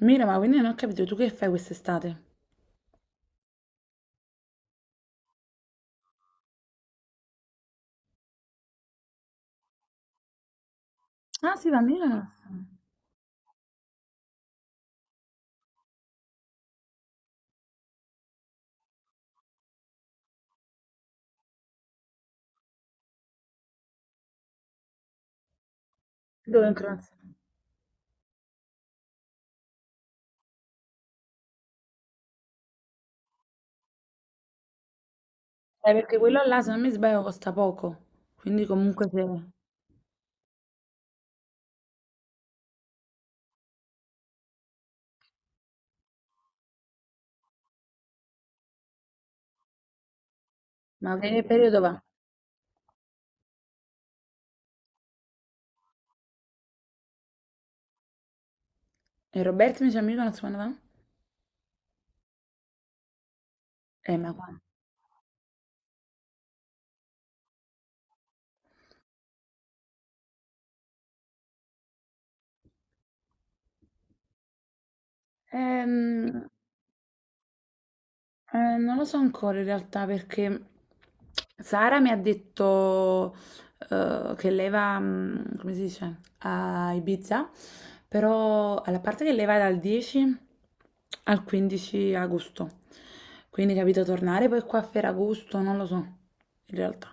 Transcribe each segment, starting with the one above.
Mira, ma quindi non ho capito, tu che fai quest'estate? Ah, si va a Milano? Dove in Croazia? Perché quello là, se non mi sbaglio, costa poco. Quindi comunque se... Ma lei che periodo va? E Roberto, mi dice amico, non si quando va? Ma quando? Non lo so ancora in realtà perché Sara mi ha detto che lei va, come si dice, a Ibiza, però alla parte che lei va dal 10 al 15 agosto, quindi capito, tornare poi qua a Ferragosto, non lo so, in realtà.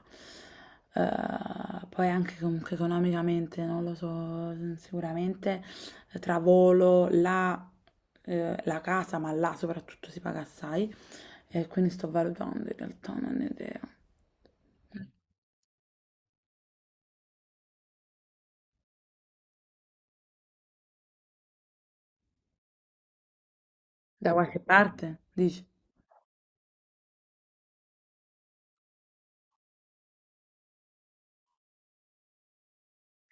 Poi anche comunque economicamente, non lo so, sicuramente tra volo, la, la casa, ma là soprattutto si paga assai. E quindi sto valutando in realtà, non ho idea. Da qualche parte, dici?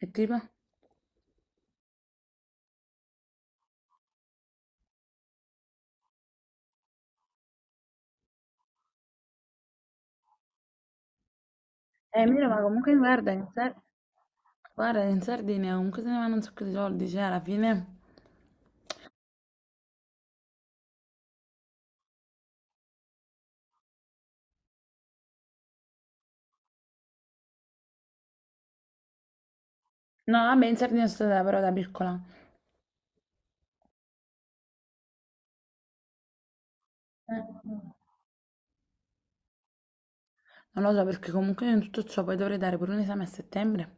E tipo? Mira, ma comunque guarda, in Sardegna comunque se ne vanno un sacco di soldi, cioè alla fine... No, vabbè, in Sardegna sono stata però da piccola. Eh. Non lo so perché comunque io in tutto ciò poi dovrei dare pure un esame a settembre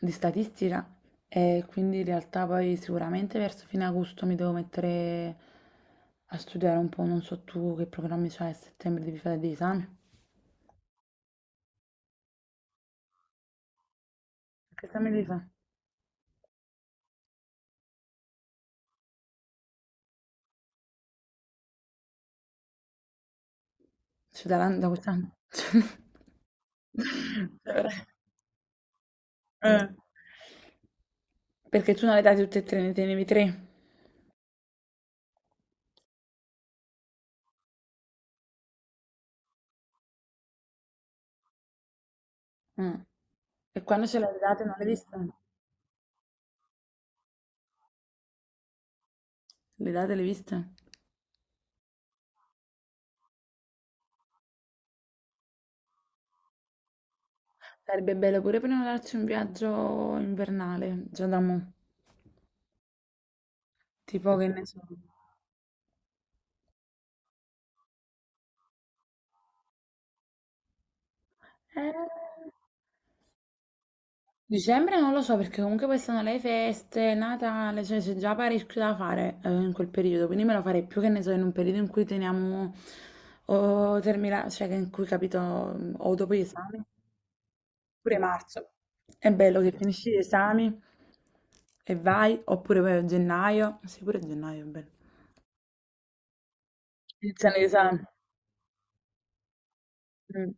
di statistica e quindi in realtà poi sicuramente verso fine agosto mi devo mettere a studiare un po', non so tu che programmi c'hai a settembre, devi fare degli esami. Che esami devi fare? C'è da, da quest'anno? Eh. Perché tu non le hai date tutte e tre, ne tenevi tre. Mm. E quando ce le hai date non le hai viste? Le date le hai viste? Sarebbe bello pure prepararci un viaggio invernale, già da mo. Tipo che ne so. Eh, dicembre non lo so perché comunque poi sono le feste, Natale, cioè c'è già parecchio da fare in quel periodo, quindi me lo farei più che ne so in un periodo in cui teniamo o termina, cioè che in cui capito o dopo gli esami, pure marzo. È bello che finisci gli esami e vai, oppure poi a gennaio, sì pure a gennaio è bello. Iniziano gli esami. Mm,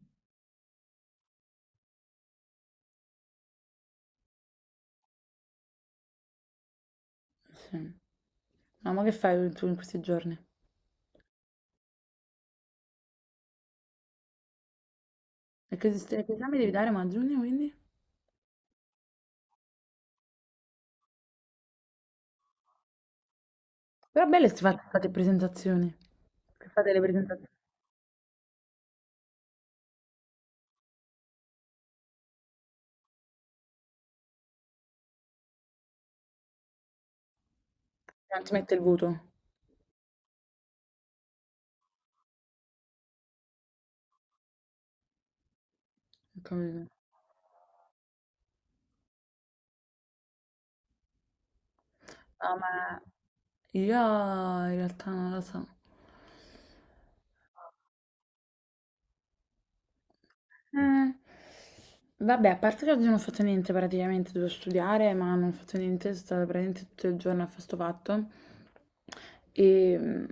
sì. No, ma che fai tu in questi giorni? E che esami devi dare, ma a giugno quindi? Però belle ste fate, fate presentazioni. Che fate le presentazioni? Non ti mette il voto. Ho capito. No, ma io in realtà non lo so. Eh. Vabbè, a parte che oggi non ho fatto niente praticamente, dovevo studiare, ma non ho fatto niente, sono stata praticamente tutto il giorno a fare sto fatto. E,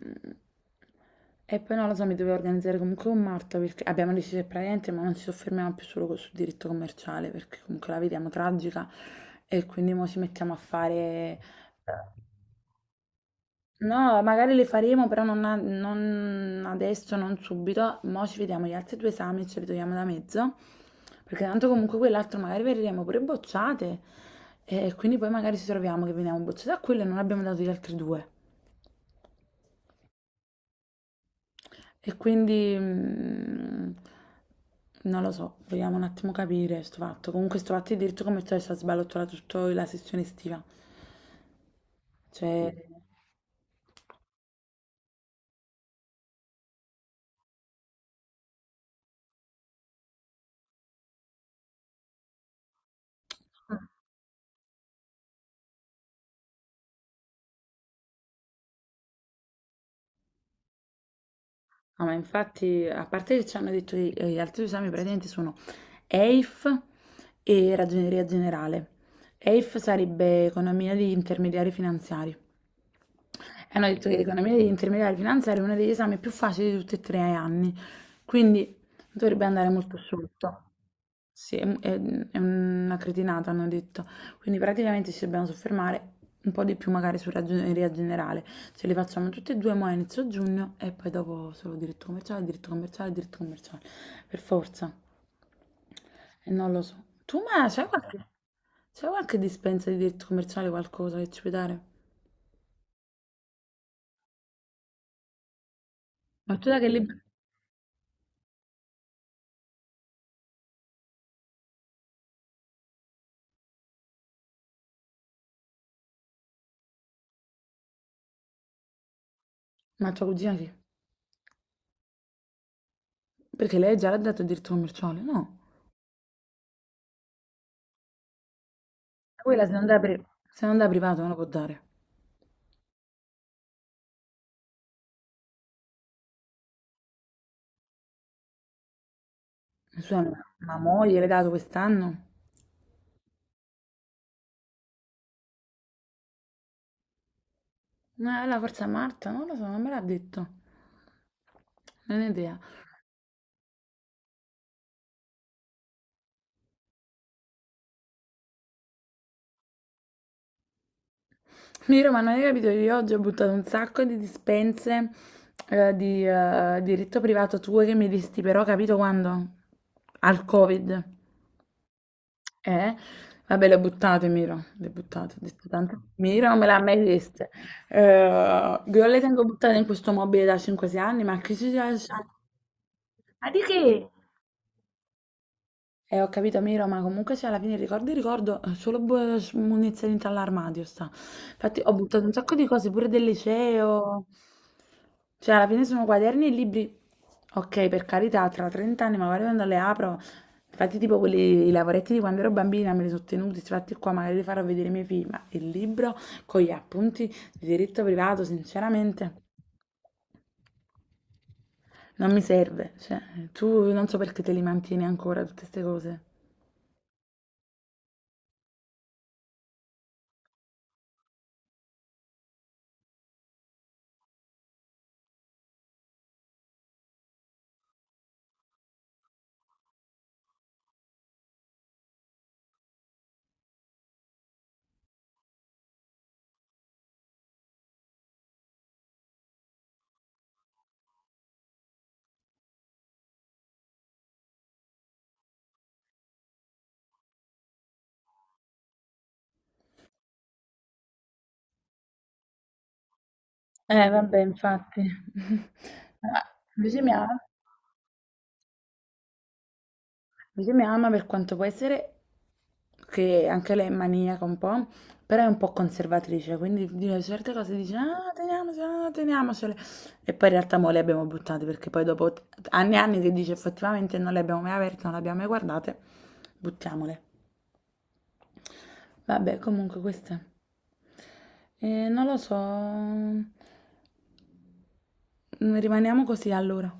e poi non lo so, mi dovevo organizzare comunque con Marta perché abbiamo deciso che praticamente ma non ci soffermiamo più solo sul diritto commerciale perché comunque la vediamo tragica e quindi mo ci mettiamo a fare. No, magari le faremo, però non, non adesso, non subito. Mo' ci vediamo gli altri due esami e ce li togliamo da mezzo. Perché tanto comunque quell'altro magari verremo pure bocciate. E quindi poi magari ci troviamo che veniamo bocciate a quello e non abbiamo dato gli altri due. E quindi... non lo so, vediamo un attimo capire sto fatto. Comunque sto fatto di diritto commerciale ci ha sballottola tutta la sessione estiva. Cioè, mm. No, ma infatti, a parte che ci hanno detto gli altri due esami praticamente sono EIF e Ragioneria Generale. EIF sarebbe Economia degli Intermediari Finanziari. E hanno detto che l'Economia degli Intermediari Finanziari è uno degli esami più facili di tutti e tre gli anni, quindi dovrebbe andare molto sotto. Sì, è una cretinata, hanno detto. Quindi praticamente ci dobbiamo soffermare un po' di più magari su ragioneria generale. Ce li facciamo tutti e due, mo' a inizio giugno e poi dopo solo diritto commerciale, diritto commerciale, diritto commerciale. Per forza. E non lo so. Tu ma c'è qualche dispensa di diritto commerciale, qualcosa che ci puoi dare? Ma tu da che libro? Ma tua cugina sì. Perché lei già l'ha dato il diritto commerciale, no? Quella se non da, se non da privato non lo può dare. Scusa, ma moglie l'hai dato quest'anno? La forza Marta, non lo so, non me l'ha detto. Non ho idea. Miro, ma non hai capito, io oggi ho buttato un sacco di dispense di diritto privato tue che mi disti, però capito quando? Al Covid. Eh? Vabbè, le ho buttate, Miro. Le ho buttate, ho detto tanto. Miro non me l'ha mai chieste. Io le tengo buttate in questo mobile da 5-6 anni, ma che ci lascia? Ma di che? Ho capito, Miro, ma comunque se alla fine ricordo il ricordo, è solo munizioni dentro all'armadio sta. Infatti ho buttato un sacco di cose, pure del liceo. Cioè, alla fine sono quaderni e libri. Ok, per carità, tra 30 anni magari quando le apro, infatti tipo quelli, i lavoretti di quando ero bambina me li sono tenuti, infatti qua magari li farò vedere ai miei figli, ma il libro con gli appunti di diritto privato, sinceramente, non mi serve. Cioè, tu non so perché te li mantieni ancora tutte queste cose. Eh vabbè, infatti. Ah, Invece mia, invece mia mamma, per quanto può essere, che anche lei è maniaca un po', però è un po' conservatrice, quindi dire certe cose dice, ah, teniamocele, ah, teniamocele. E poi in realtà mo le abbiamo buttate, perché poi dopo anni e anni che dice effettivamente non le abbiamo mai aperte, non le abbiamo mai guardate, buttiamole. Vabbè, comunque queste. Non lo so. Mm, rimaniamo così allora.